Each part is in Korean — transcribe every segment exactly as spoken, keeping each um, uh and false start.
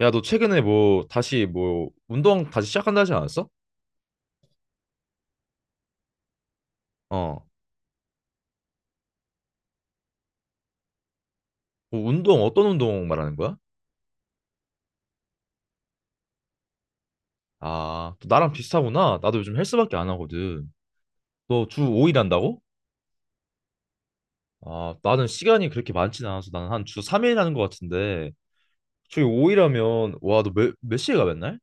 야, 너 최근에 뭐 다시 뭐 운동 다시 시작한다 하지 않았어? 어. 뭐 운동 어떤 운동 말하는 거야? 아, 또 나랑 비슷하구나. 나도 요즘 헬스밖에 안 하거든. 너 주 오 일 한다고? 아, 나는 시간이 그렇게 많진 않아서 나는 한 주 삼 일 하는 것 같은데. 주 오 일 하면 와, 너 몇, 몇 시에 가 맨날?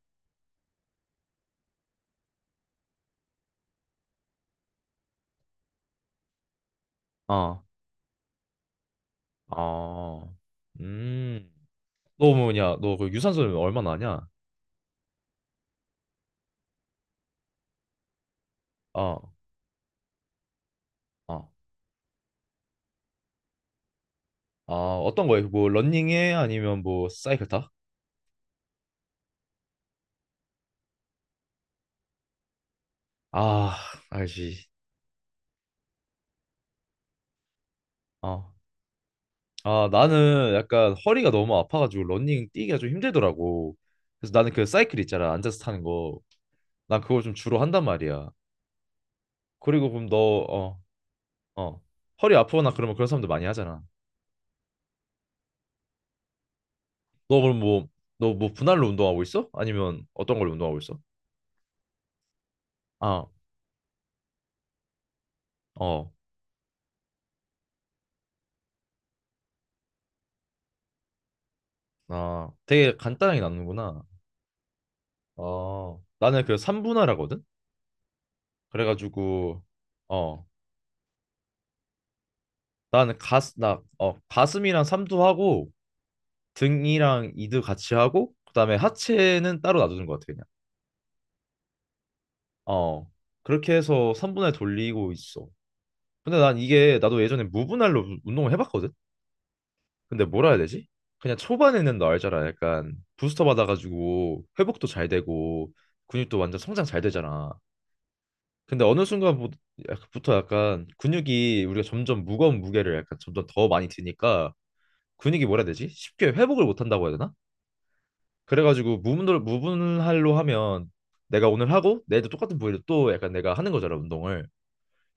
어. 아. 음. 너 뭐냐? 너 그 유산소 얼마나 하냐? 어. 아, 아, 어떤 거야? 뭐 러닝해, 아니면 뭐 사이클 타? 아, 알지. 어. 아, 나는 약간 허리가 너무 아파가지고 러닝 뛰기가 좀 힘들더라고. 그래서 나는 그 사이클 있잖아, 앉아서 타는 거. 난 그걸 좀 주로 한단 말이야. 그리고 그럼 너, 어, 어, 허리 아프거나 그러면 그런 사람들 많이 하잖아. 너 그럼 뭐, 너 뭐 분할로 운동하고 있어? 아니면 어떤 걸로 운동하고 있어? 아, 어, 아, 되게 간단하게 남는구나. 어, 나는 그 삼분할하거든. 그래가지고, 어, 나는 가스, 나, 어, 가슴이랑 삼두 하고, 등이랑 이드 같이 하고, 그다음에 하체는 따로 놔두는 것 같아 그냥. 어, 그렇게 해서 삼 분할 돌리고 있어. 근데 난 이게, 나도 예전에 무분할로 운동을 해봤거든. 근데 뭐라 해야 되지? 그냥 초반에는 너 알잖아, 약간 부스터 받아가지고 회복도 잘 되고 근육도 완전 성장 잘 되잖아. 근데 어느 순간부터 약간 근육이, 우리가 점점 무거운 무게를 약간 점점 더 많이 드니까 근육이, 뭐라 해야 되지? 쉽게 회복을 못 한다고 해야 되나? 그래가지고 무분별 무분할로 하면 내가 오늘 하고 내일도 똑같은 부위를 또 약간 내가 하는 거잖아, 운동을.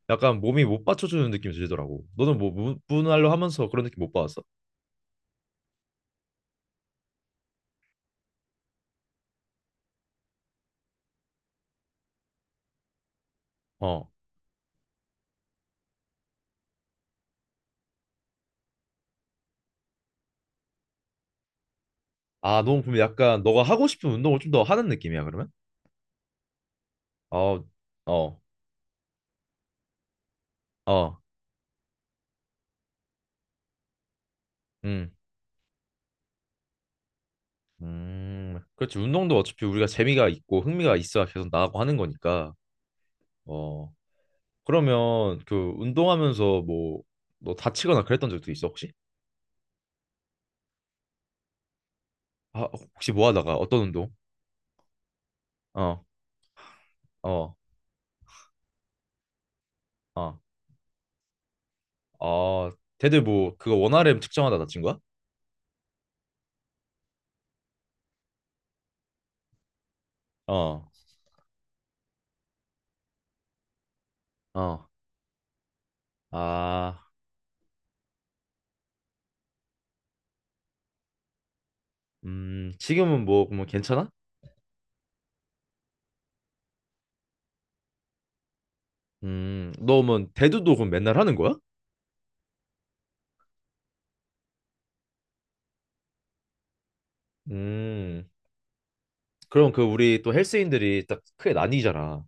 약간 몸이 못 받쳐주는 느낌이 들더라고. 너는 뭐 무분할로 하면서 그런 느낌 못 받았어? 어. 아, 너무 보면 약간 너가 하고 싶은 운동을 좀 더 하는 느낌이야 그러면? 어. 어. 어. 음. 음. 그렇지. 운동도 어차피 우리가 재미가 있고 흥미가 있어야 계속 나가고 하는 거니까. 어. 그러면 그 운동하면서 뭐 너 다치거나 그랬던 적도 있어 혹시? 아, 혹시 뭐 하다가, 어떤 운동? 어. 어, 어, 어, 걔들 뭐 그거 원알엠 측정하다 다친 거야? 어, 어, 아, 음, 지금은 뭐, 뭐, 괜찮아? 음, 너 뭐 대두도 그럼 맨날 하는 거야? 음, 그럼 그 우리 또 헬스인들이 딱 크게 나뉘잖아.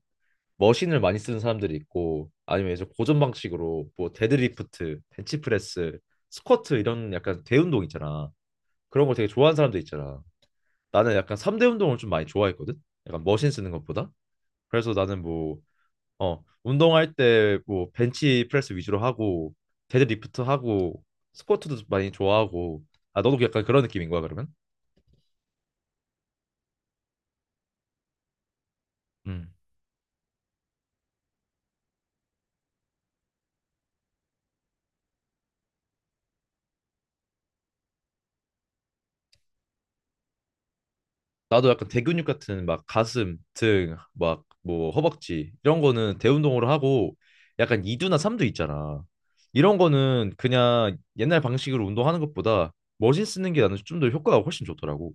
머신을 많이 쓰는 사람들이 있고, 아니면 이제 고전 방식으로 뭐 데드리프트, 벤치프레스, 스쿼트, 이런 약간 대운동 있잖아. 그런 걸 되게 좋아하는 사람도 있잖아. 나는 약간 삼 대 운동을 좀 많이 좋아했거든. 약간 머신 쓰는 것보다. 그래서 나는 뭐 어, 운동할 때 뭐 벤치 프레스 위주로 하고, 데드리프트 하고, 스쿼트도 많이 좋아하고. 아, 너도 약간 그런 느낌인 거야 그러면? 음. 나도 약간 대근육 같은 막 가슴, 등, 막 뭐 허벅지 이런 거는 대운동으로 하고, 약간 이두나 삼두 있잖아. 이런 거는 그냥 옛날 방식으로 운동하는 것보다 머신 쓰는 게 나는 좀 더 효과가 훨씬 좋더라고.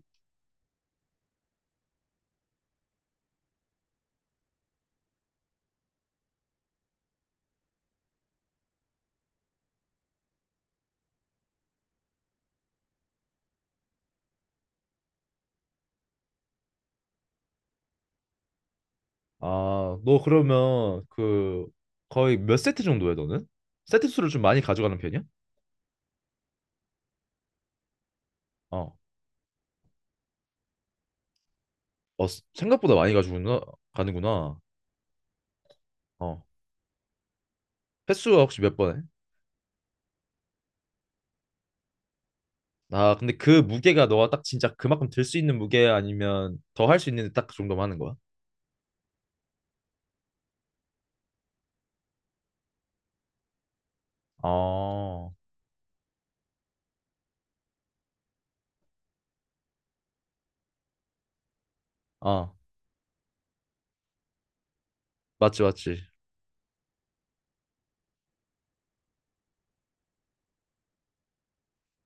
아, 너 그러면 그 거의 몇 세트 정도 해 너는? 세트 수를 좀 많이 가져가는 편이야? 어. 어, 생각보다 많이 가지고나 가는구나. 어. 횟수가 혹시 몇 번 해? 아, 근데 그 무게가 너가 딱 진짜 그만큼 들 수 있는 무게 아니면 더 할 수 있는 딱 그 정도만 하는 거야? 어. 아, 맞지, 맞지.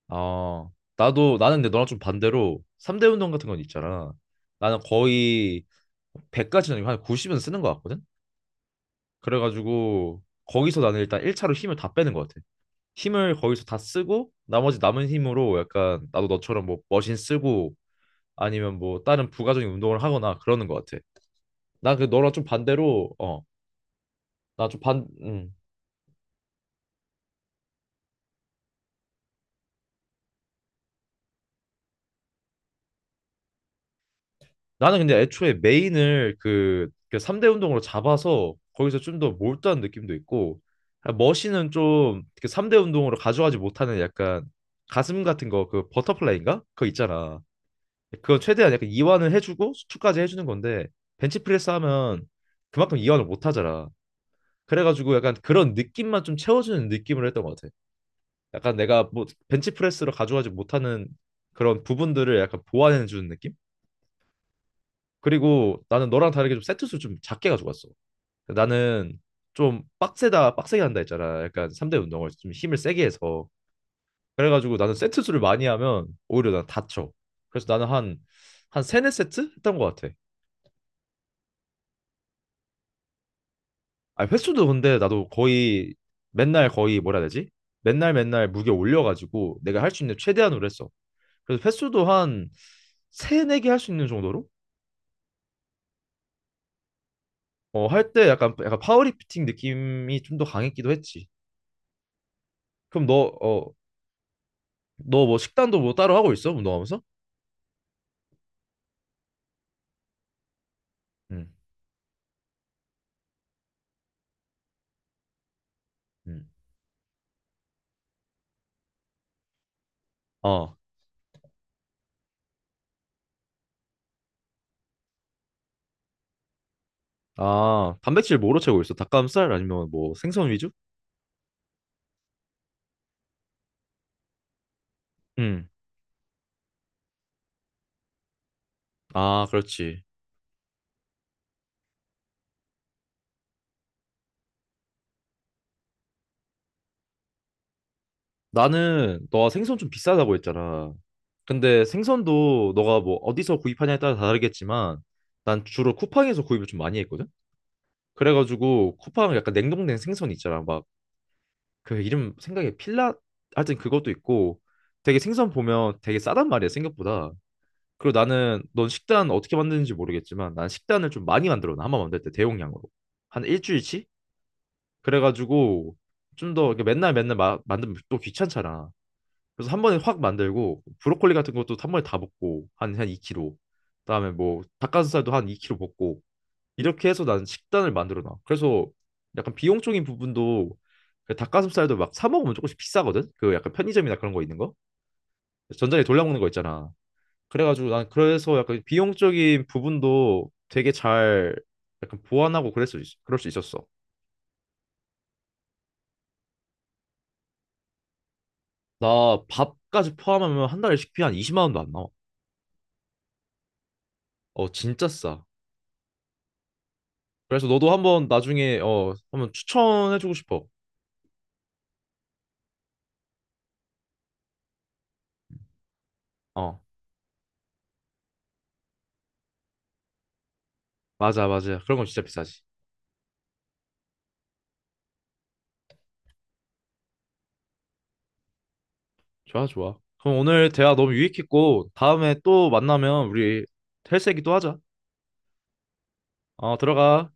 아, 나도, 나는 근데 너랑 좀 반대로 삼 대 운동 같은 건 있잖아. 나는 거의 백까지는 아니고 한 구십은 쓰는 것 같거든? 그래가지고 거기서 나는 일단 일 차로 힘을 다 빼는 것 같아. 힘을 거기서 다 쓰고 나머지 남은 힘으로 약간 나도 너처럼 뭐 머신 쓰고, 아니면 뭐 다른 부가적인 운동을 하거나 그러는 것 같아. 나 그 너랑 좀 반대로, 어, 나 좀 반, 음. 나는 근데 애초에 메인을 그, 그 삼 대 운동으로 잡아서 거기서 좀 더 몰두한 느낌도 있고. 아, 머신은 좀 그 삼 대 운동으로 가져가지 못하는 약간 가슴 같은 거, 그 버터플라이인가? 그거 있잖아. 그건 최대한 약간 이완을 해주고 수축까지 해주는 건데, 벤치프레스 하면 그만큼 이완을 못 하잖아. 그래가지고 약간 그런 느낌만 좀 채워주는 느낌으로 했던 것 같아. 약간 내가 뭐 벤치프레스로 가져가지 못하는 그런 부분들을 약간 보완해 주는 느낌? 그리고 나는 너랑 다르게 좀 세트 수 좀 작게 가져갔어. 나는 좀 빡세다 빡세게 한다 했잖아, 약간 삼 대 운동을 좀 힘을 세게 해서. 그래가지고 나는 세트 수를 많이 하면 오히려 난 다쳐. 그래서 나는 한 한 세네 세트 했던 것 같아. 아, 횟수도 근데 나도 거의 맨날 거의, 뭐라 해야 되지? 맨날 맨날 무게 올려가지고 내가 할 수 있는 최대한으로 했어. 그래서 횟수도 한 세네 개 할 수 있는 정도로. 어, 할 때 약간 약간 파워리프팅 느낌이 좀 더 강했기도 했지. 그럼 너, 어, 너 뭐 식단도 뭐 따로 하고 있어? 운동하면서? 응, 응. 어, 아, 단백질 뭐로 채우고 있어? 닭가슴살 아니면 뭐 생선 위주? 응. 아, 그렇지. 나는 너가 생선 좀 비싸다고 했잖아. 근데 생선도 너가 뭐 어디서 구입하냐에 따라 다르겠지만 난 주로 쿠팡에서 구입을 좀 많이 했거든. 그래가지고 쿠팡 약간 냉동된 생선 있잖아, 막. 그 이름, 생각에 필라, 하여튼 그것도 있고. 되게 생선 보면 되게 싸단 말이야, 생각보다. 그리고 나는, 넌 식단 어떻게 만드는지 모르겠지만 난 식단을 좀 많이 만들어 놔, 한번 만들 때 대용량으로. 한 일주일치. 그래가지고 좀 더, 맨날 맨날 마, 만들면 또 귀찮잖아. 그래서 한 번에 확 만들고 브로콜리 같은 것도 한 번에 다 볶고 한 한 이 킬로그램, 그다음에 뭐 닭가슴살도 한 이 킬로그램 볶고, 이렇게 해서 나는 식단을 만들어 놔. 그래서 약간 비용적인 부분도, 그 닭가슴살도 막 사 먹으면 조금씩 비싸거든, 그 약간 편의점이나 그런 거 있는 거, 전자레인지 돌려 먹는 거 있잖아. 그래가지고 난 그래서 약간 비용적인 부분도 되게 잘 약간 보완하고 그랬수 있- 그럴 수 있었어. 나 밥까지 포함하면 한 달에 식비 한 이십만 원도 안 나와. 어, 진짜 싸. 그래서 너도 한번 나중에 어 한번 추천해주고 싶어. 어, 맞아, 맞아. 그런 건 진짜 비싸지. 좋아, 좋아. 그럼 오늘 대화 너무 유익했고, 다음에 또 만나면 우리 헬스 얘기 또 하자. 어, 들어가.